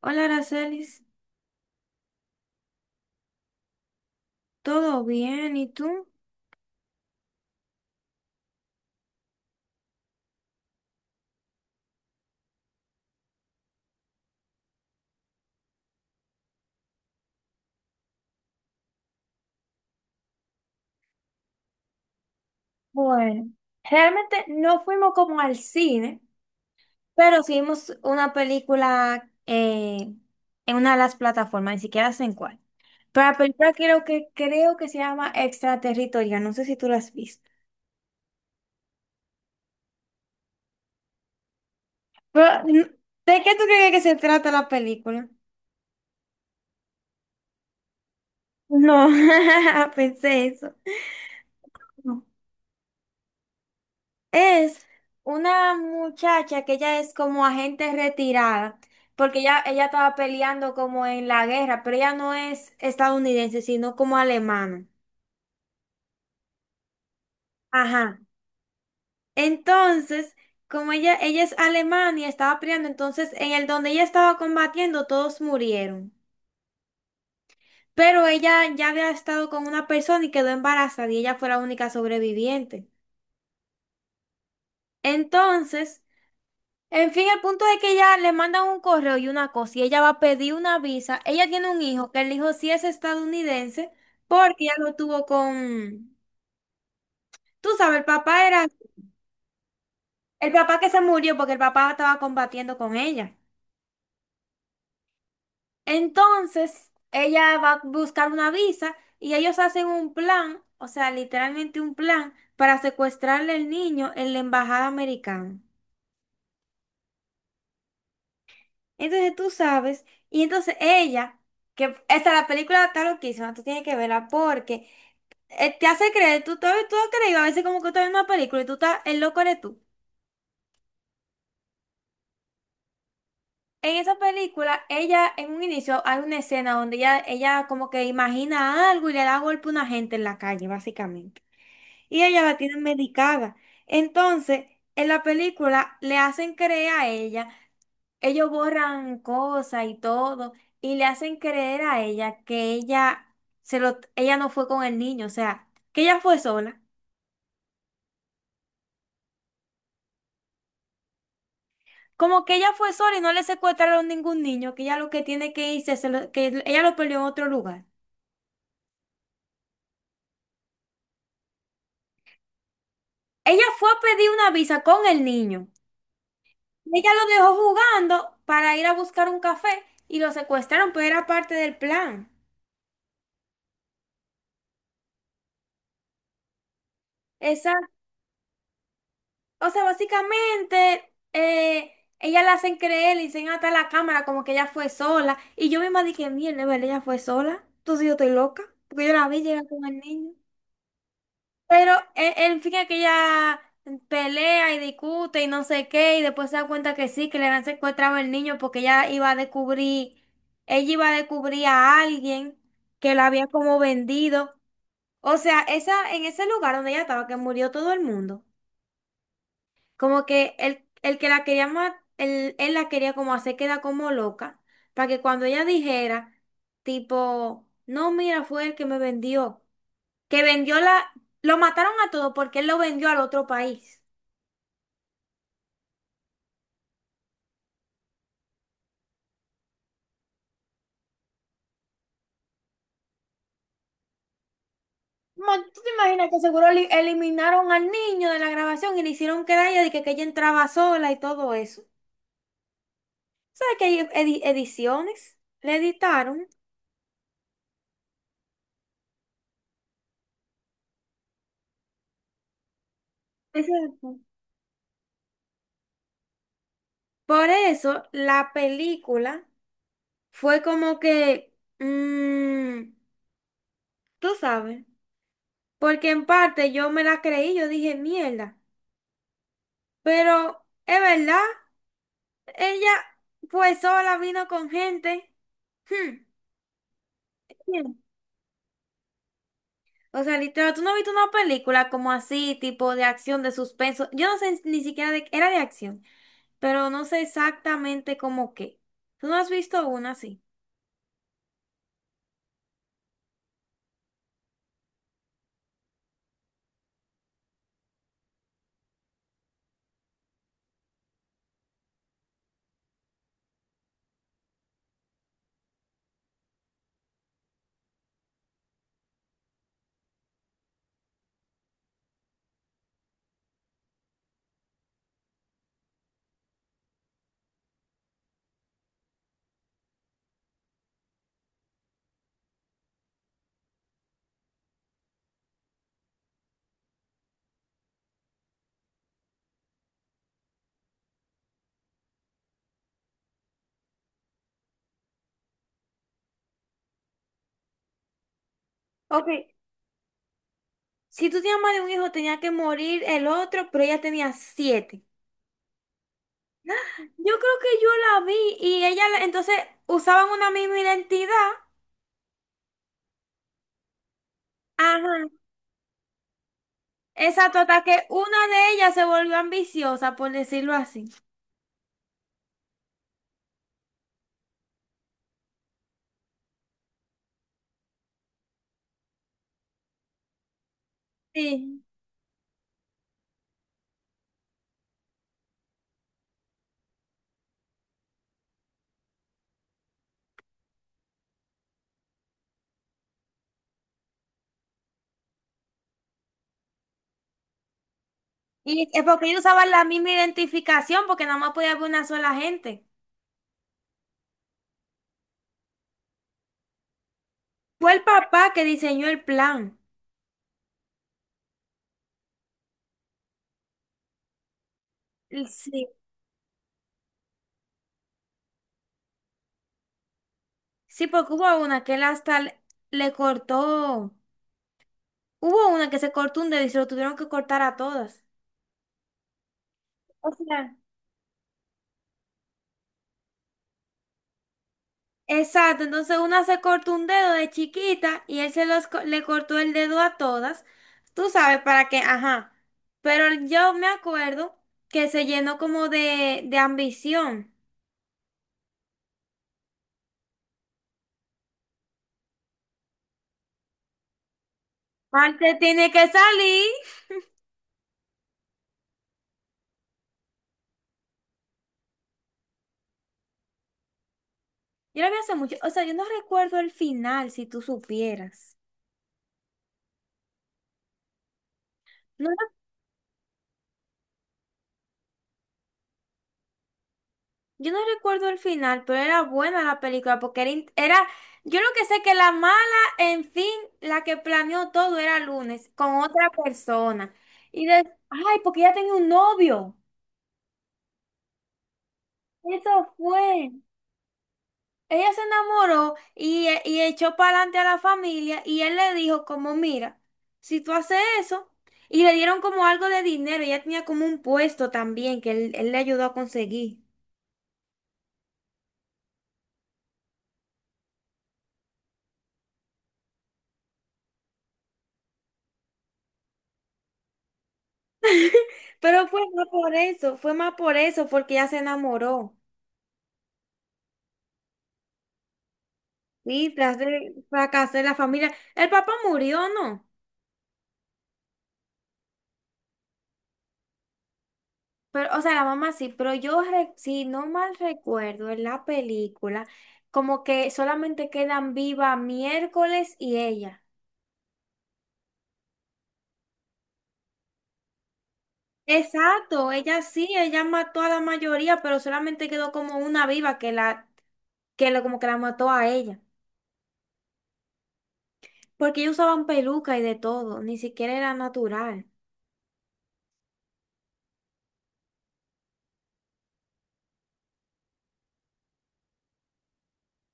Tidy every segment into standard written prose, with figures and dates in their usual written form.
Hola, Aracelis, ¿todo bien? ¿Y tú? Bueno, realmente no fuimos como al cine, pero sí vimos una película en una de las plataformas, ni siquiera sé en cuál. Pero la película creo que se llama Extraterritorial, no sé si tú la has visto. Pero, ¿de qué tú crees que se trata la película? No, pensé eso. Es una muchacha que ella es como agente retirada, porque ella estaba peleando como en la guerra, pero ella no es estadounidense, sino como alemana. Ajá. Entonces, como ella es alemana y estaba peleando, entonces en el donde ella estaba combatiendo, todos murieron. Pero ella ya había estado con una persona y quedó embarazada y ella fue la única sobreviviente. Entonces, en fin, el punto es que ella le mandan un correo y una cosa, y ella va a pedir una visa. Ella tiene un hijo, que el hijo sí es estadounidense, porque ella lo tuvo con... Tú sabes, el papá era... El papá que se murió porque el papá estaba combatiendo con ella. Entonces, ella va a buscar una visa y ellos hacen un plan, o sea, literalmente un plan para secuestrarle el niño en la embajada americana. Entonces tú sabes, y entonces ella, que esta la película está loquísima, tú tienes que verla porque te hace creer, tú has creído a veces como que tú estás viendo una película y tú estás, el loco eres tú. En esa película, ella, en un inicio, hay una escena donde ella como que imagina algo y le da golpe a una gente en la calle, básicamente. Y ella la tiene medicada. Entonces, en la película le hacen creer a ella. Ellos borran cosas y todo, y le hacen creer a ella que ella se lo, ella no fue con el niño, o sea, que ella fue sola. Como que ella fue sola y no le secuestraron ningún niño, que ella lo que tiene que irse, que ella lo perdió en otro lugar. Ella fue a pedir una visa con el niño. Ella lo dejó jugando para ir a buscar un café y lo secuestraron, pero era parte del plan. Esa o sea, básicamente, ella la hacen creer, le dicen hasta la cámara como que ella fue sola. Y yo misma dije, mierda, ¿verdad? Ella fue sola. Entonces yo estoy loca, porque yo la vi llegar con el niño. Pero el fin es que ella pelea y discute y no sé qué, y después se da cuenta que sí, que le han secuestrado el niño porque ella iba a descubrir, ella iba a descubrir a alguien que la había como vendido. O sea, esa, en ese lugar donde ella estaba, que murió todo el mundo. Como que el que la quería matar, él la quería como hacer quedar como loca, para que cuando ella dijera, tipo, no, mira, fue el que me vendió, que vendió la, lo mataron a todos porque él lo vendió al otro país. Mo- ¿Tú te imaginas que seguro eliminaron al niño de la grabación y le hicieron quedar a ella de que ella entraba sola y todo eso? ¿Sabes que hay ediciones? Le editaron. Exacto. Por eso la película fue como que, mm, tú sabes, porque en parte yo me la creí, yo dije, mierda, pero es verdad, ella fue sola, vino con gente. Hmm. Bien. O sea, literal, tú no has visto una película como así, tipo de acción, de suspenso. Yo no sé ni siquiera de, era de acción, pero no sé exactamente cómo qué. Tú no has visto una así. Ok, si tú tenías más de un hijo, tenía que morir el otro, pero ella tenía 7. Yo creo que yo la vi y ella, entonces, usaban una misma identidad. Ajá. Exacto, hasta que una de ellas se volvió ambiciosa, por decirlo así. Sí. Y es porque ellos usaban la misma identificación, porque nada más podía haber una sola gente. Fue el papá que diseñó el plan. Y sí. Sí, porque hubo una que él hasta le, le cortó. Hubo una que se cortó un dedo y se lo tuvieron que cortar a todas. O sea. Exacto, entonces una se cortó un dedo de chiquita y él se los, le cortó el dedo a todas, tú sabes para qué, ajá, pero yo me acuerdo que se llenó como de ambición. Marte tiene que salir. Yo lo vi hace mucho, o sea, yo no recuerdo el final, si tú supieras. No. Yo no recuerdo el final, pero era buena la película porque era, era, yo lo que sé que la mala, en fin, la que planeó todo era Lunes con otra persona. Y de, ay, porque ella tenía un novio. Eso fue. Ella se enamoró y, y echó para adelante a la familia y él le dijo como, mira, si tú haces eso, y le dieron como algo de dinero, ella tenía como un puesto también que él le ayudó a conseguir. Pero fue más por eso, fue más por eso, porque ella se enamoró. Sí, tras de fracasé la familia. El papá murió, ¿no? Pero, o sea, la mamá sí, pero yo, si no mal recuerdo, en la película, como que solamente quedan viva miércoles y ella. Exacto, ella sí, ella mató a la mayoría, pero solamente quedó como una viva que la, que lo, como que la mató a ella. Porque ellos usaban peluca y de todo, ni siquiera era natural.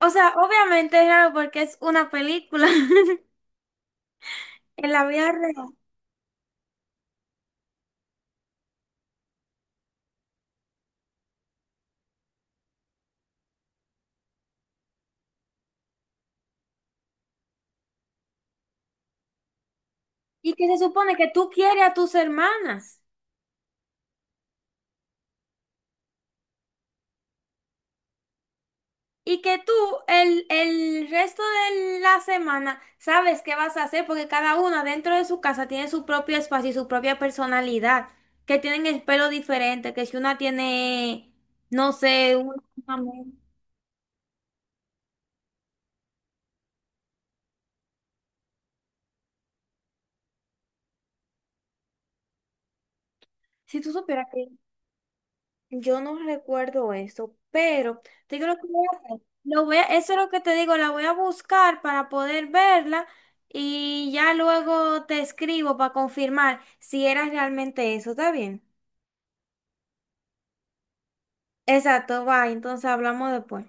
O sea, obviamente es raro porque es una película en la vida real. Y que se supone que tú quieres a tus hermanas y que tú el resto de la semana sabes qué vas a hacer porque cada una dentro de su casa tiene su propio espacio y su propia personalidad, que tienen el pelo diferente, que si una tiene, no sé, una- Si tú supieras que... Yo no recuerdo eso, pero te digo lo que voy a hacer. Eso es lo que te digo, la voy a buscar para poder verla y ya luego te escribo para confirmar si era realmente eso, ¿está bien? Exacto, va, entonces hablamos después.